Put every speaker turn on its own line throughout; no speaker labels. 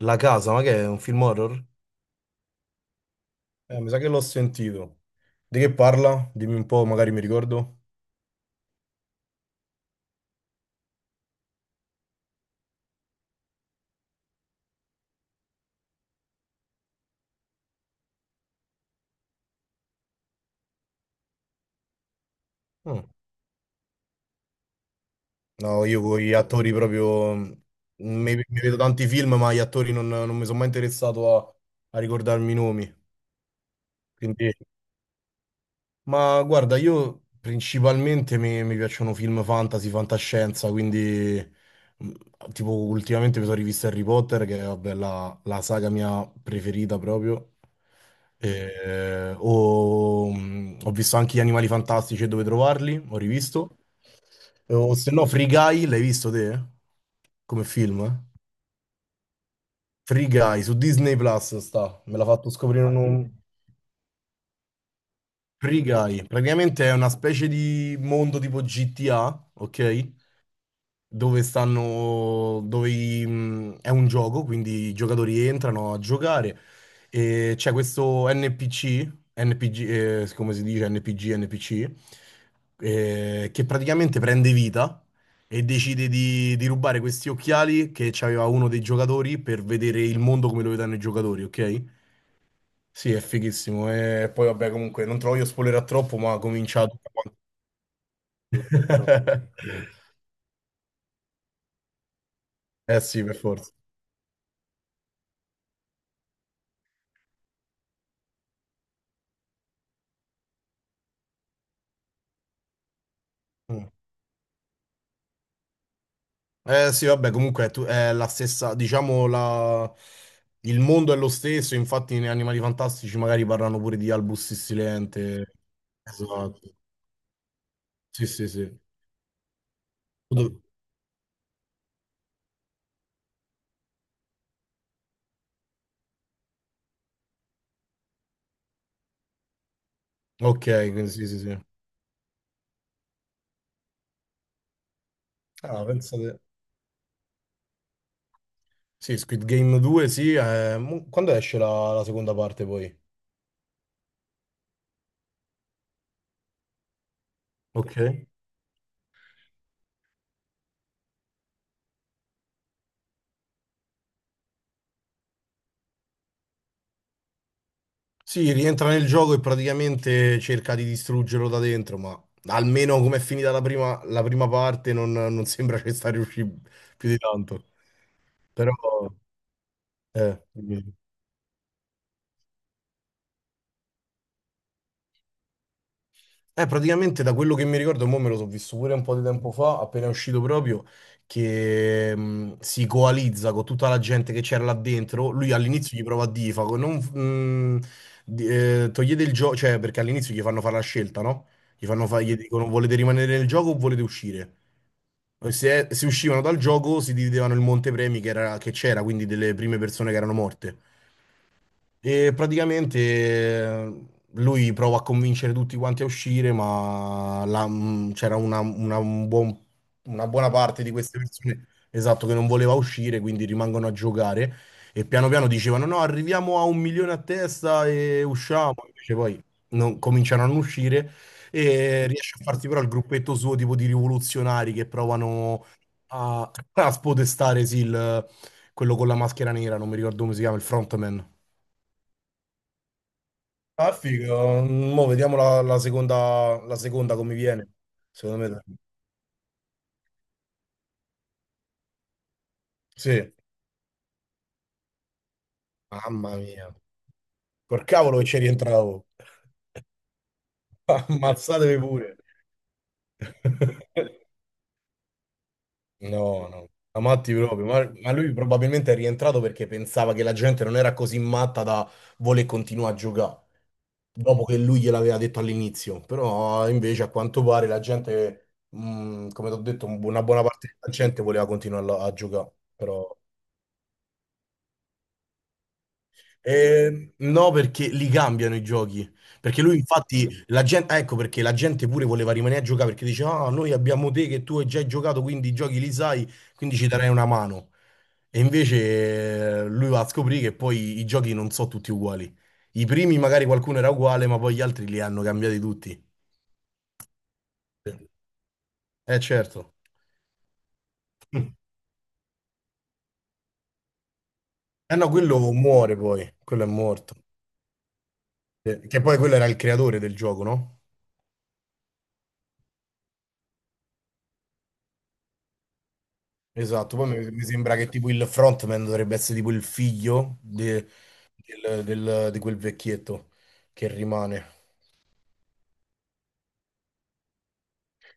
La casa, ma che è un film horror? Mi sa che l'ho sentito. Di che parla? Dimmi un po', magari mi ricordo. Mm. No, io con gli attori proprio. Mi vedo tanti film, ma gli attori non mi sono mai interessato a ricordarmi i nomi. Quindi. Ma guarda, io principalmente mi piacciono film fantasy, fantascienza, quindi tipo ultimamente mi sono rivisto Harry Potter, che è vabbè, la saga mia preferita proprio. O, ho visto anche Gli Animali Fantastici e Dove Trovarli, ho rivisto. O se no Free Guy, l'hai visto te? Come film? Eh? Free Guy, su Disney Plus sta, me l'ha fatto scoprire un. Free Guy, praticamente è una specie di mondo tipo GTA, ok? Dove stanno, è un gioco, quindi i giocatori entrano a giocare e c'è questo NPC, NPG, come si dice NPG, NPC, che praticamente prende vita e decide di rubare questi occhiali che aveva uno dei giocatori per vedere il mondo come lo vedono i giocatori, ok? Sì, è fighissimo. E poi, vabbè, comunque, non te lo voglio spoilerare troppo, ma comincia tutto quanto. Eh sì, per forza. Mm. Eh sì, vabbè, comunque è, è la stessa, diciamo, la. Il mondo è lo stesso, infatti nei Animali Fantastici magari parlano pure di Albus Siciliente. Esatto. Sì, sì, sì. Dov- Ok, quindi sì, sì, sì. Ah, pensate. Sì, Squid Game 2, sì. Quando esce la seconda parte poi? Ok. Sì, rientra nel gioco e praticamente cerca di distruggerlo da dentro, ma almeno come è finita la prima parte non sembra che sta riuscendo più di tanto. Però, dimmi. Praticamente da quello che mi ricordo, mo me lo so visto pure un po' di tempo fa, appena è uscito proprio, che si coalizza con tutta la gente che c'era là dentro. Lui all'inizio gli prova a dire, fa, non, togliete il gioco, cioè perché all'inizio gli fanno fare la scelta, no? Gli dicono volete rimanere nel gioco o volete uscire? E se uscivano dal gioco si dividevano il montepremi che c'era, quindi delle prime persone che erano morte. E praticamente lui prova a convincere tutti quanti a uscire, ma c'era una buona parte di queste persone, esatto, che non voleva uscire, quindi rimangono a giocare e piano piano dicevano no, arriviamo a un milione a testa e usciamo, invece poi cominciano a non uscire e riesce a farsi però il gruppetto suo tipo di rivoluzionari che provano a, a spodestare sì, quello con la maschera nera, non mi ricordo come si chiama, il frontman. Ah, figo. Mo' vediamo la seconda come viene. Secondo me. Sì. Mamma mia. Col cavolo che ci rientravo. Ammazzatevi pure. No, no. Amatti proprio. Ma lui probabilmente è rientrato perché pensava che la gente non era così matta da voler continuare a giocare. Dopo che lui gliel'aveva detto all'inizio. Però invece a quanto pare la gente, come ti ho detto, una buona parte della gente voleva continuare a giocare. Però. No, perché li cambiano i giochi. Perché lui, infatti, la gente, ecco perché la gente pure voleva rimanere a giocare perché dice: Ah, noi abbiamo te che tu hai già giocato, quindi i giochi li sai, quindi ci darei una mano. E invece lui va a scoprire che poi i giochi non sono tutti uguali. I primi magari qualcuno era uguale, ma poi gli altri li hanno cambiati tutti. Certo. Eh no, quello muore poi, quello è morto. Che poi quello era il creatore del gioco, no? Esatto, poi mi sembra che tipo il frontman dovrebbe essere tipo il figlio di quel vecchietto che rimane.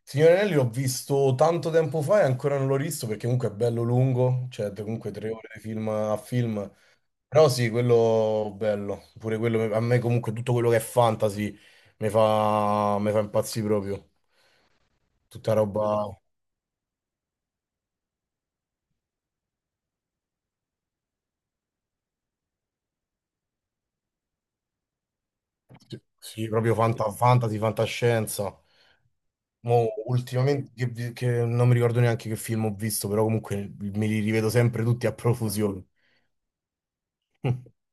Signore Anelli l'ho visto tanto tempo fa e ancora non l'ho rivisto perché comunque è bello lungo, cioè comunque 3 ore di film a film. Però sì, quello bello, pure quello, a me comunque tutto quello che è fantasy mi fa impazzire proprio. Tutta roba, sì, sì, proprio fantasy, fantascienza. Mo ultimamente che non mi ricordo neanche che film ho visto, però comunque me li rivedo sempre tutti a profusione.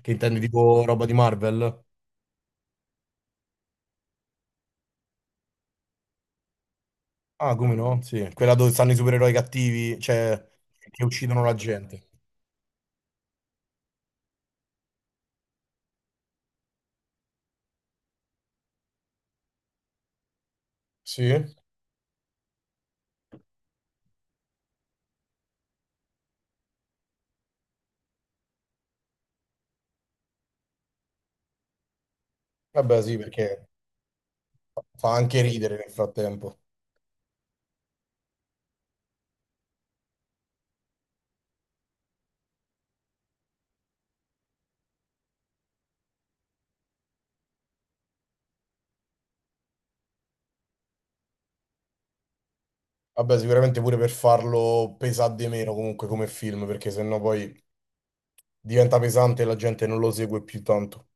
Che intendi tipo roba di Marvel? Ah, come no? Sì, quella dove stanno i supereroi cattivi, cioè che uccidono la gente. Sì? Vabbè, sì, perché fa anche ridere nel frattempo. Vabbè, sicuramente pure per farlo pesare di meno comunque come film, perché sennò poi diventa pesante e la gente non lo segue più tanto.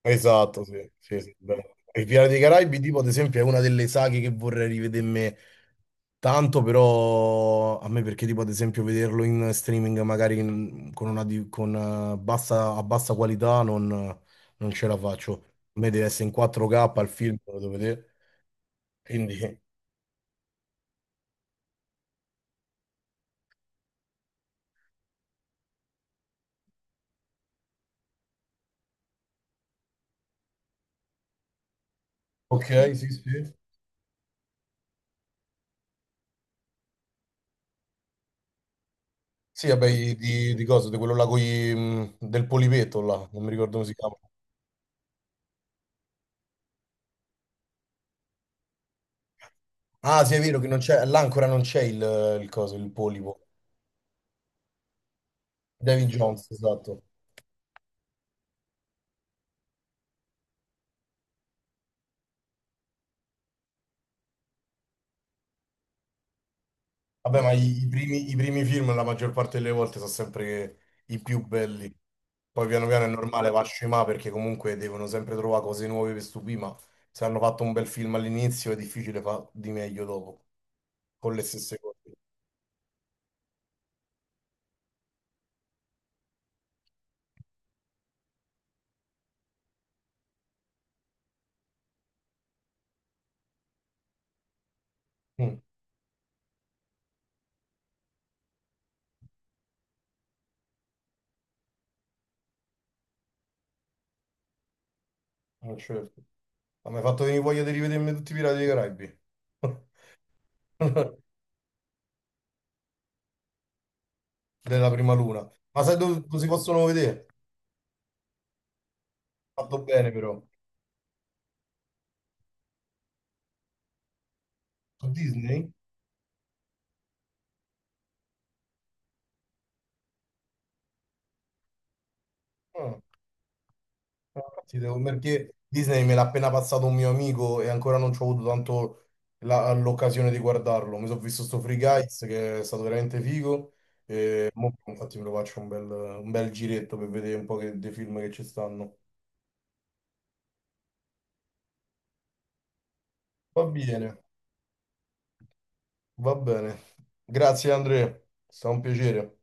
Esatto, sì, sì, sì, bello. Il Piano dei Caraibi, tipo, ad esempio, è una delle saghe che vorrei rivedermi tanto, però a me perché, tipo, ad esempio, vederlo in streaming magari con con, a bassa qualità non ce la faccio. A me deve essere in 4K il film, lo devo vedere. Quindi, ok, sì, sì. Sì, vabbè, di cosa? Di quello là con del polipetto là, non mi ricordo come si chiama. Ah, sì, è vero che non c'è, là ancora non c'è il coso, il polipo. David Jones, esatto. Vabbè, ma i primi film la maggior parte delle volte sono sempre i più belli. Poi piano piano è normale, va a scemà perché comunque devono sempre trovare cose nuove per stupire, ma se hanno fatto un bel film all'inizio è difficile fare di meglio dopo, con le stesse cose. Mm, certo. Ma mi hai fatto venire voglia di rivedermi tutti i Pirati dei Caraibi. Della prima luna. Ma sai dove si possono vedere? Fatto bene però. Su Disney? Ah. No, infatti, Perché Disney me l'ha appena passato un mio amico e ancora non ci ho avuto tanto l'occasione di guardarlo. Mi sono visto sto Free Guys che è stato veramente figo e mo infatti me lo faccio un bel giretto per vedere un po' dei film che ci stanno. Va bene, va bene. Grazie Andrea, è stato un piacere.